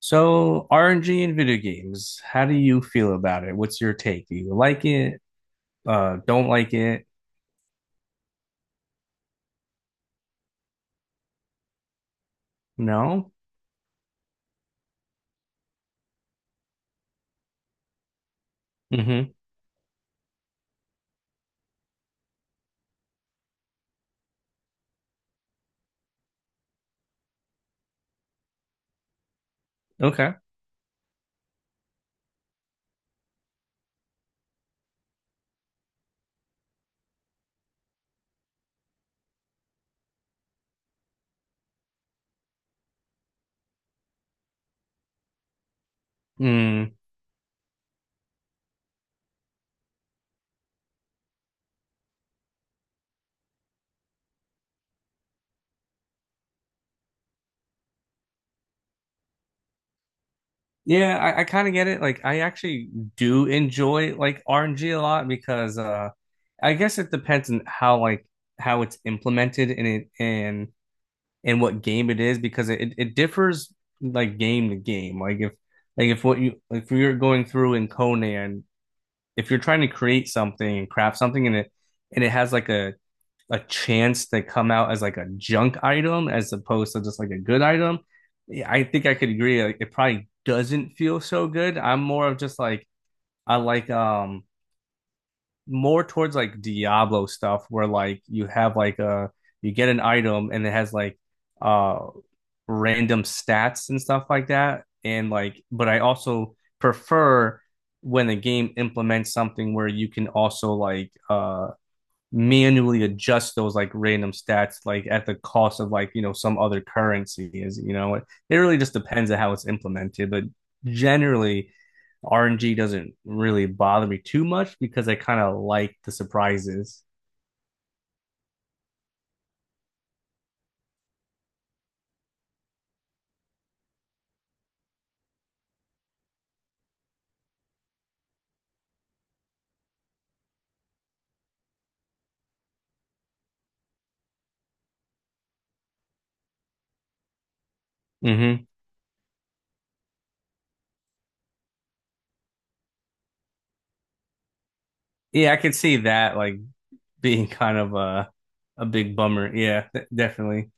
So RNG in video games, how do you feel about it? What's your take? Do you like it? Don't like it? No? Mm-hmm. Okay. Mm. Yeah, I kind of get it. Like, I actually do enjoy like RNG a lot because I guess it depends on how like how it's implemented and and what game it is because it differs like game to game. Like if what you if you're going through in Conan, if you're trying to create something and craft something and it has like a chance to come out as like a junk item as opposed to just like a good item, I think I could agree. Like, it probably doesn't feel so good. I'm more of just like I like more towards like Diablo stuff where like you have like a you get an item and it has like uh random stats and stuff like that, and like but I also prefer when a game implements something where you can also like manually adjust those like random stats like at the cost of like you know some other currency is you know it really just depends on how it's implemented. But generally RNG doesn't really bother me too much because I kind of like the surprises. Mm-hmm. Yeah, I could see that like being kind of a big bummer, yeah, definitely.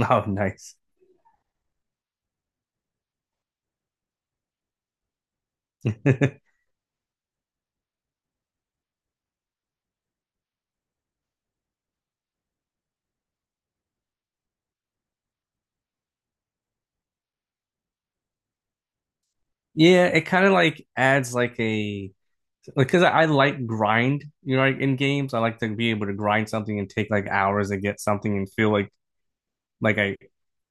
Oh, nice. Yeah, it kind of like adds like a because I like grind, you know, like in games, I like to be able to grind something and take like hours and get something and feel like like I,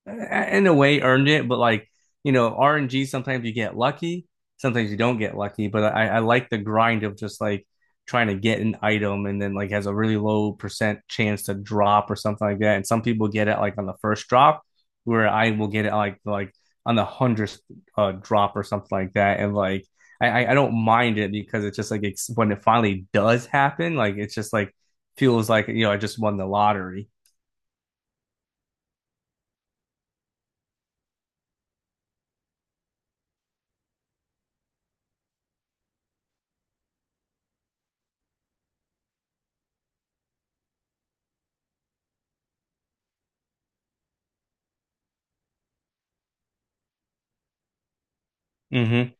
in a way, earned it, but like you know, RNG sometimes you get lucky, sometimes you don't get lucky. But I like the grind of just like trying to get an item and then like has a really low percent chance to drop or something like that. And some people get it like on the first drop, where I will get it like on the 100th drop or something like that. And like I don't mind it because it's just like when it finally does happen, like it's just like feels like you know I just won the lottery. Mm-hmm.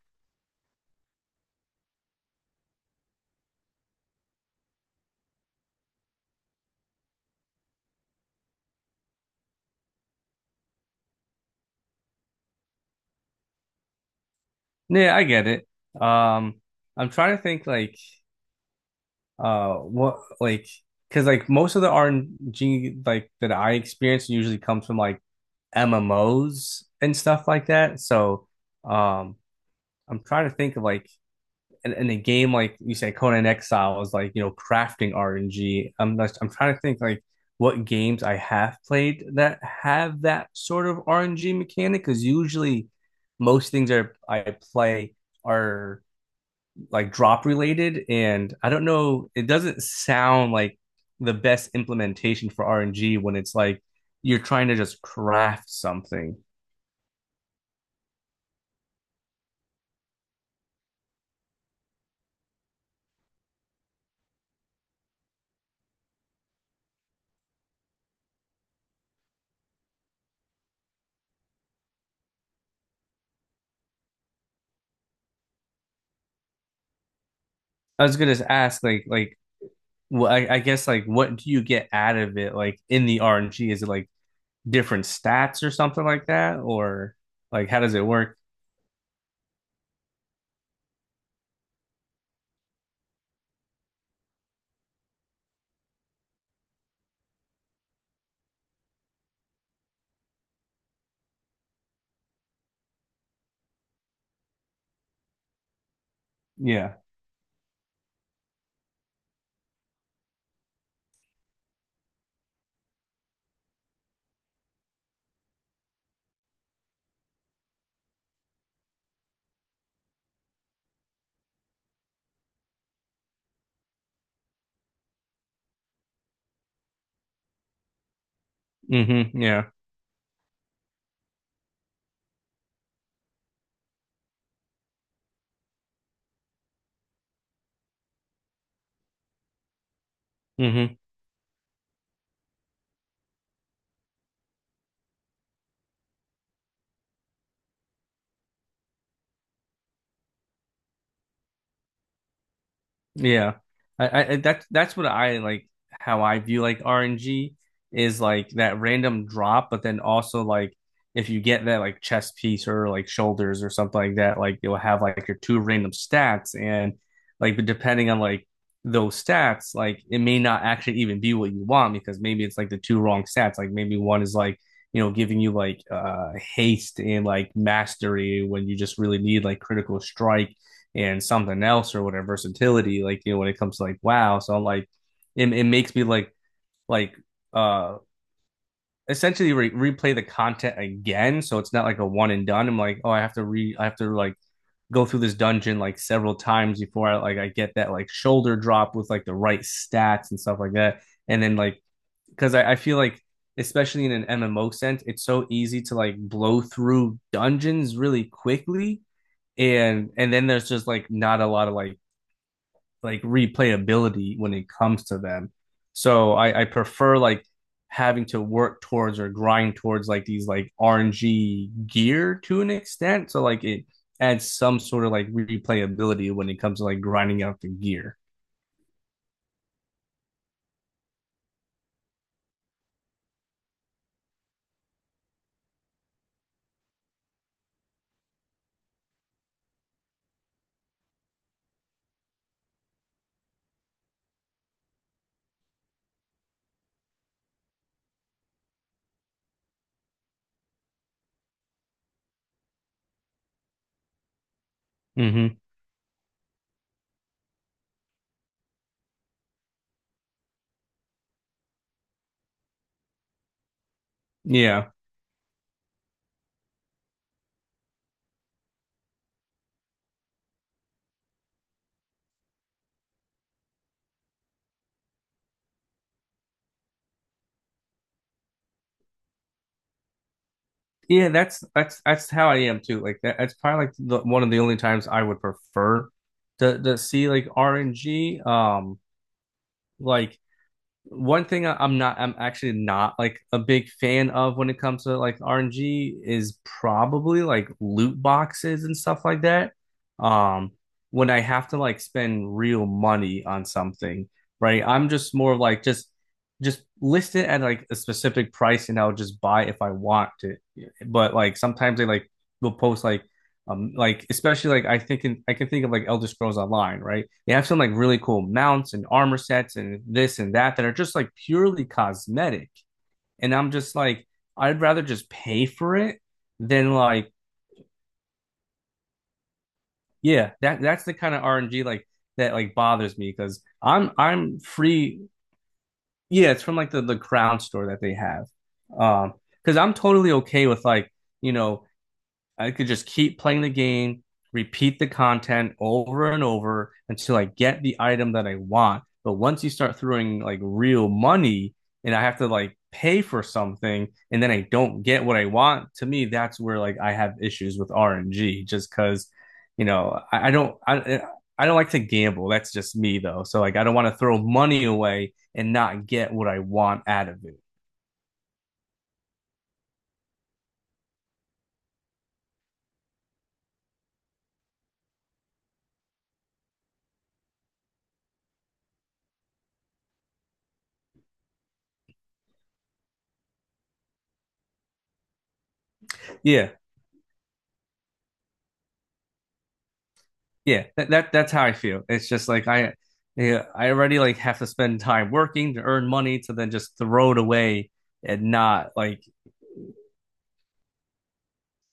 Yeah, I get it. Um, I'm trying to think like what like because like most of the RNG like that I experience usually comes from like MMOs and stuff like that. So um I'm trying to think of like in a game like you say Conan Exile is like you know crafting RNG. I'm trying to think like what games I have played that have that sort of RNG mechanic because usually most things are I play are like drop related, and I don't know, it doesn't sound like the best implementation for rng when it's like you're trying to just craft something. I was gonna ask like well, I guess like what do you get out of it like in the rng? Is it like different stats or something like that, or like how does it work? Yeah. Mm-hmm. Yeah. Mm-hmm. Yeah. I that's what I like how I view like RNG is like that random drop, but then also like if you get that like chest piece or like shoulders or something like that, like you'll have like your two random stats and like but depending on like those stats, like it may not actually even be what you want because maybe it's like the two wrong stats. Like maybe one is like, you know, giving you like haste and like mastery when you just really need like critical strike and something else or whatever versatility, like you know when it comes to like wow. So I'm like it makes me like uh essentially replay the content again, so it's not like a one and done. I'm like oh I have to re I have to like go through this dungeon like several times before I like I get that like shoulder drop with like the right stats and stuff like that. And then like because I feel like especially in an MMO sense it's so easy to like blow through dungeons really quickly and then there's just like not a lot of like replayability when it comes to them. So I prefer like having to work towards or grind towards like these like RNG gear to an extent. So like it adds some sort of like replayability when it comes to like grinding out the gear. Mm-hmm. Yeah. Yeah, that's that's how I am too. Like that's probably like one of the only times I would prefer to see like RNG. Like one thing am not, I'm actually not like a big fan of when it comes to like RNG is probably like loot boxes and stuff like that. Um, when I have to like spend real money on something, right? I'm just more of, like just list it at like a specific price and I'll just buy if I want to. But like sometimes they like will post like especially like I think I can think of like Elder Scrolls Online, right? They have some like really cool mounts and armor sets and this and that that are just like purely cosmetic. And I'm just like I'd rather just pay for it than like yeah, that's the kind of RNG like that like bothers me because I'm free. Yeah, it's from like the crown store that they have. Um, because I'm totally okay with like you know I could just keep playing the game, repeat the content over and over until I get the item that I want. But once you start throwing like real money and I have to like pay for something and then I don't get what I want, to me, that's where like I have issues with RNG just because, you know, I don't like to gamble. That's just me though. So like I don't want to throw money away and not get what I want out of it. Yeah, Yeah, that that's how I feel. It's just like yeah, I already like have to spend time working to earn money to then just throw it away and not like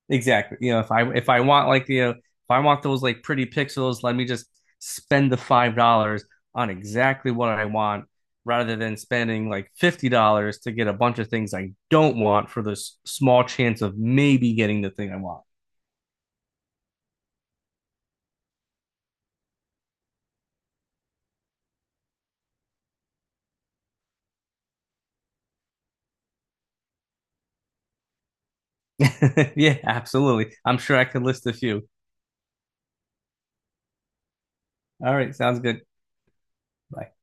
exactly. You know, if I want like you know if I want those like pretty pixels, let me just spend the $5 on exactly what I want rather than spending like $50 to get a bunch of things I don't want for this small chance of maybe getting the thing I want. Yeah, absolutely. I'm sure I could list a few. All right, sounds good. Bye.